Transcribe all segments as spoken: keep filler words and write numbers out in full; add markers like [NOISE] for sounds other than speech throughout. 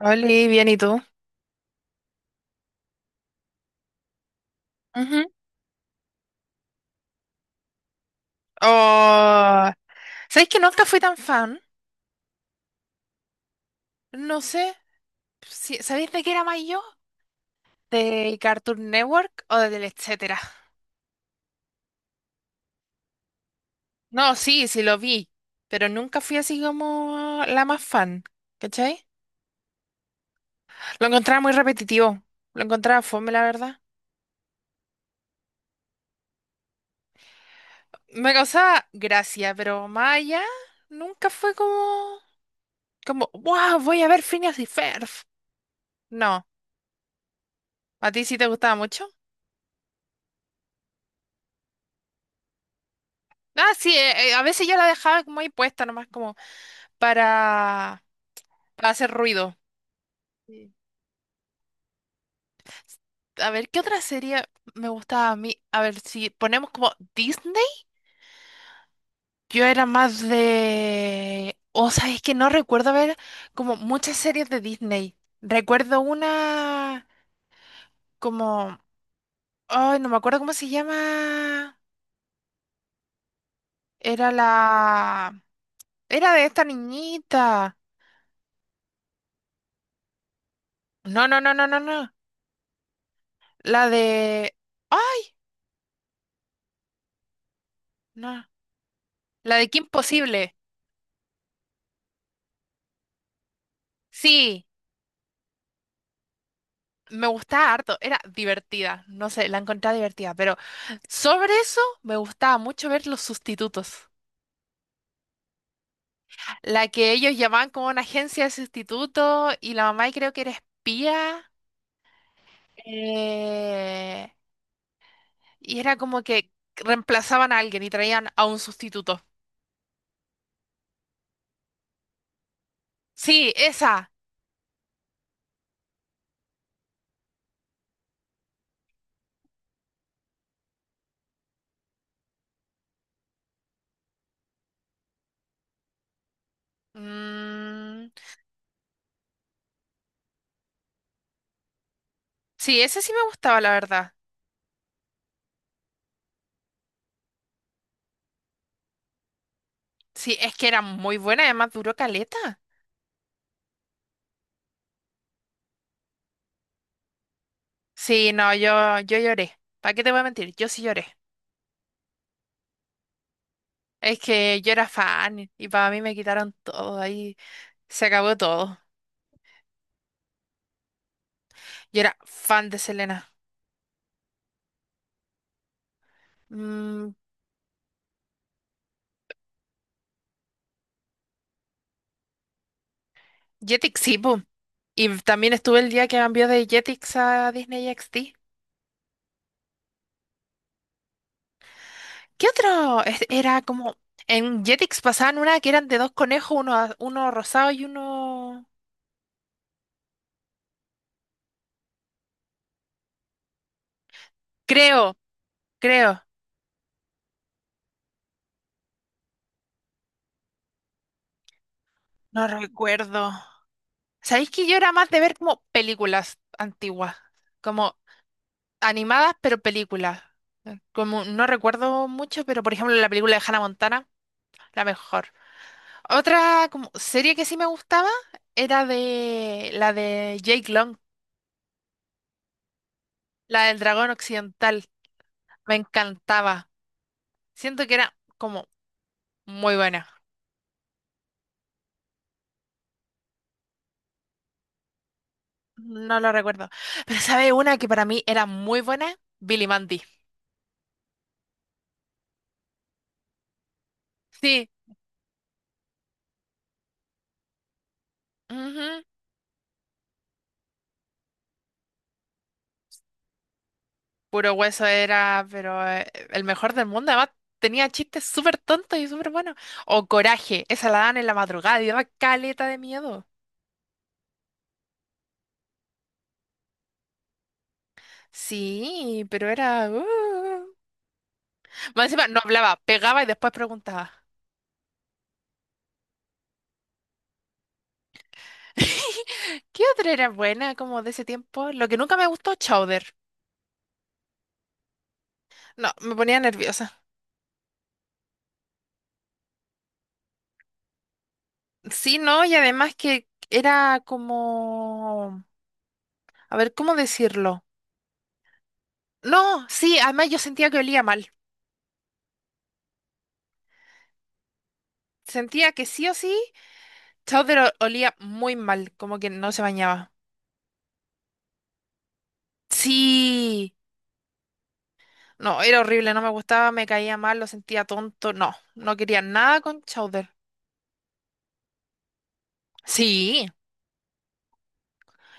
Oli, bien, ¿y tú? Ujú. Oh, ¿sabéis que nunca fui tan fan? No sé, si, ¿sabéis de qué era más yo? ¿Del Cartoon Network o del etcétera? No, sí, sí lo vi, pero nunca fui así como la más fan, ¿cachai? Lo encontraba muy repetitivo, lo encontraba fome, la verdad. Me causaba gracia, pero más allá, nunca fue como, como, wow, voy a ver Phineas y Ferb. No, ¿a ti sí te gustaba mucho? Ah, sí, eh, eh, a veces yo la dejaba como ahí puesta, nomás como para, para hacer ruido. Sí. A ver, ¿qué otra serie me gustaba a mí? A ver, si ponemos como Disney, yo era más de... O sea, es que no recuerdo ver como muchas series de Disney. Recuerdo una como... Ay, no me acuerdo cómo se llama. Era la... Era de esta niñita. No, no, no, no, no, no. La de... Ay, no. La de Kim Possible. Sí, me gustaba harto. Era divertida. No sé, la encontré divertida. Pero sobre eso me gustaba mucho ver los sustitutos. La que ellos llamaban como una agencia de sustitutos y la mamá creo que era espía. eh, y era como que reemplazaban a alguien y traían a un sustituto. Sí, esa. Mm, sí, esa sí me gustaba, la verdad. Sí, es que era muy buena, además duró caleta. Sí, no, yo, yo lloré. ¿Para qué te voy a mentir? Yo sí lloré. Es que yo era fan y para mí me quitaron todo. Ahí se acabó todo. Yo era fan de Selena. Mm, Jetix, sí, po. Y también estuve el día que cambió de Jetix a Disney X D. ¿Qué otro? Es- Era como. En Jetix pasaban una que eran de dos conejos, uno, a- uno rosado y uno. Creo, creo. No recuerdo. ¿Sabéis que yo era más de ver como películas antiguas? Como. Animadas, pero películas. Eh, Como no recuerdo mucho, pero por ejemplo la película de Hannah Montana, la mejor. Otra como serie que sí me gustaba era de la de Jake Long, la del dragón occidental. Me encantaba. Siento que era como muy buena. No lo recuerdo. Pero ¿sabe una que para mí era muy buena? Billy Mandy. Sí. Ujú. Puro hueso era, pero eh, el mejor del mundo. Además, tenía chistes súper tontos y súper buenos. O Coraje, esa la dan en la madrugada y daba caleta de miedo. Sí, pero era... uh. Más encima, no hablaba, pegaba y después preguntaba. [LAUGHS] ¿Qué otra era buena como de ese tiempo? Lo que nunca me gustó, Chowder. No, me ponía nerviosa. Sí, no, y además que era como... A ver, ¿cómo decirlo? No, sí, además yo sentía que olía mal. Sentía que sí o sí. Chowder o- olía muy mal, como que no se bañaba. Sí, no, era horrible, no me gustaba, me caía mal, lo sentía tonto. No, no quería nada con Chowder. Sí,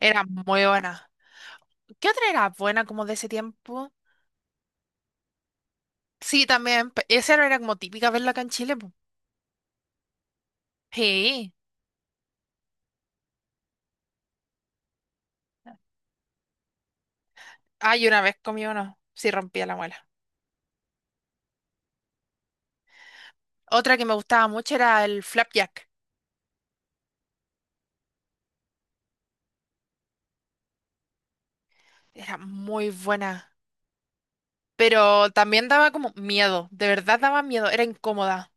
era muy buena. ¿Qué otra era buena como de ese tiempo? Sí, también, pe- esa era como típica verla acá en Chile. Po. Sí, ay, una vez comí uno, sí rompía la muela. Otra que me gustaba mucho era el flapjack, era muy buena, pero también daba como miedo, de verdad daba miedo, era incómoda.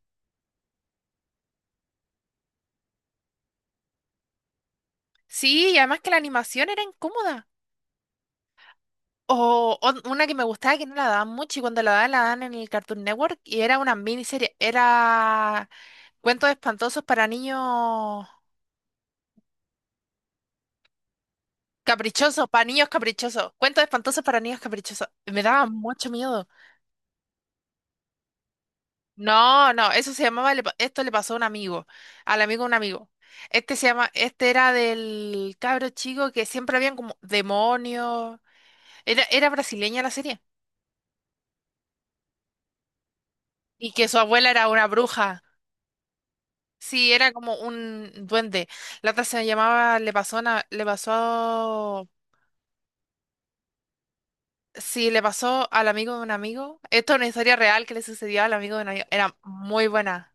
Sí, y además que la animación era incómoda. O, o una que me gustaba que no la daban mucho y cuando la daban la daban en el Cartoon Network y era una miniserie, era cuentos espantosos para niños caprichosos, para niños caprichosos, cuentos espantosos para niños caprichosos. Me daba mucho miedo. No, no, eso se llamaba, le pa- esto le pasó a un amigo, al amigo de un amigo. Este se llama, este era del cabro chico que siempre habían como demonios. Era, era brasileña la serie y que su abuela era una bruja. Sí, era como un duende. La otra se llamaba, le pasó, una- le pasó, sí, le pasó al amigo de un amigo. Esto es una historia real que le sucedió al amigo de un amigo. Era muy buena.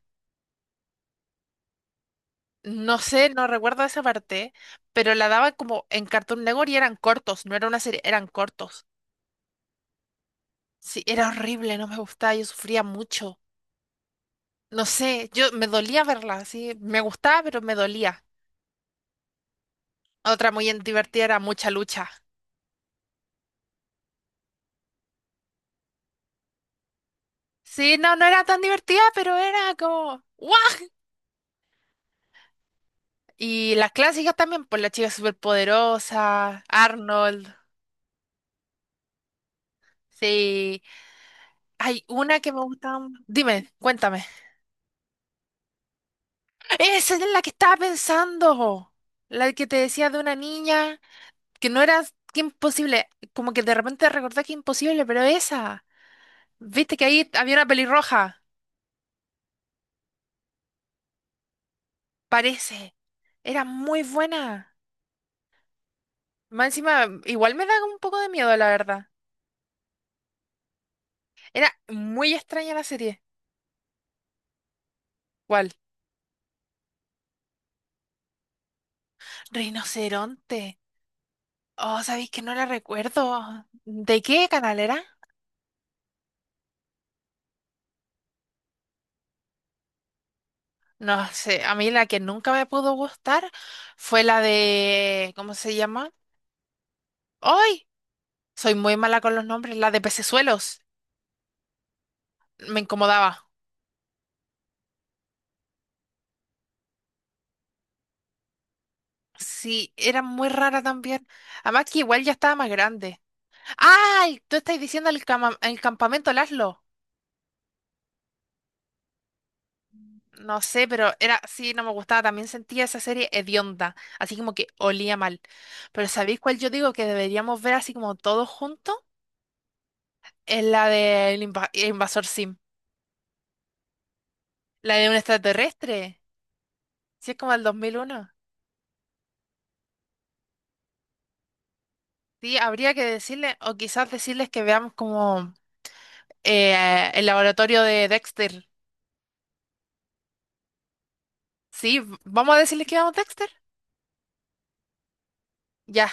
No sé, no recuerdo esa parte, pero la daba como en Cartoon Network y eran cortos, no era una serie, eran cortos. Sí, era horrible, no me gustaba, yo sufría mucho. No sé, yo me dolía verla, sí, me gustaba, pero me dolía. Otra muy en- divertida era Mucha Lucha. Sí, no, no era tan divertida, pero era como, ¿what? Y las clásicas también, pues la chica superpoderosa, Arnold, sí. Hay una que me gustaba. mu- Dime, cuéntame. Esa es la que estaba pensando. La que te decía de una niña que no era que imposible. Como que de repente recordé que imposible, pero esa. Viste que ahí había una pelirroja. Parece. Era muy buena. Más encima, igual me da un poco de miedo, la verdad. Era muy extraña la serie. ¿Cuál? Rinoceronte. Oh, sabéis que no la recuerdo. ¿De qué canal era? No sé, a mí la que nunca me pudo gustar fue la de... ¿Cómo se llama? ¡Ay! Soy muy mala con los nombres, la de Pecesuelos. Me incomodaba. Sí, era muy rara también. Además que igual ya estaba más grande. ¡Ay! Tú estás diciendo el, cama- el campamento Laszlo. No sé, pero era... Sí, no me gustaba. También sentía esa serie hedionda. Así como que olía mal. Pero ¿sabéis cuál yo digo que deberíamos ver así como todos juntos? Es la del inva- invasor Sim. La de un extraterrestre. Si es como el dos mil uno. Sí, habría que decirle, o quizás decirles que veamos como eh, el laboratorio de Dexter. Sí, v- vamos a decirles que veamos Dexter. Ya,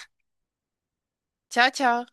chao, chao.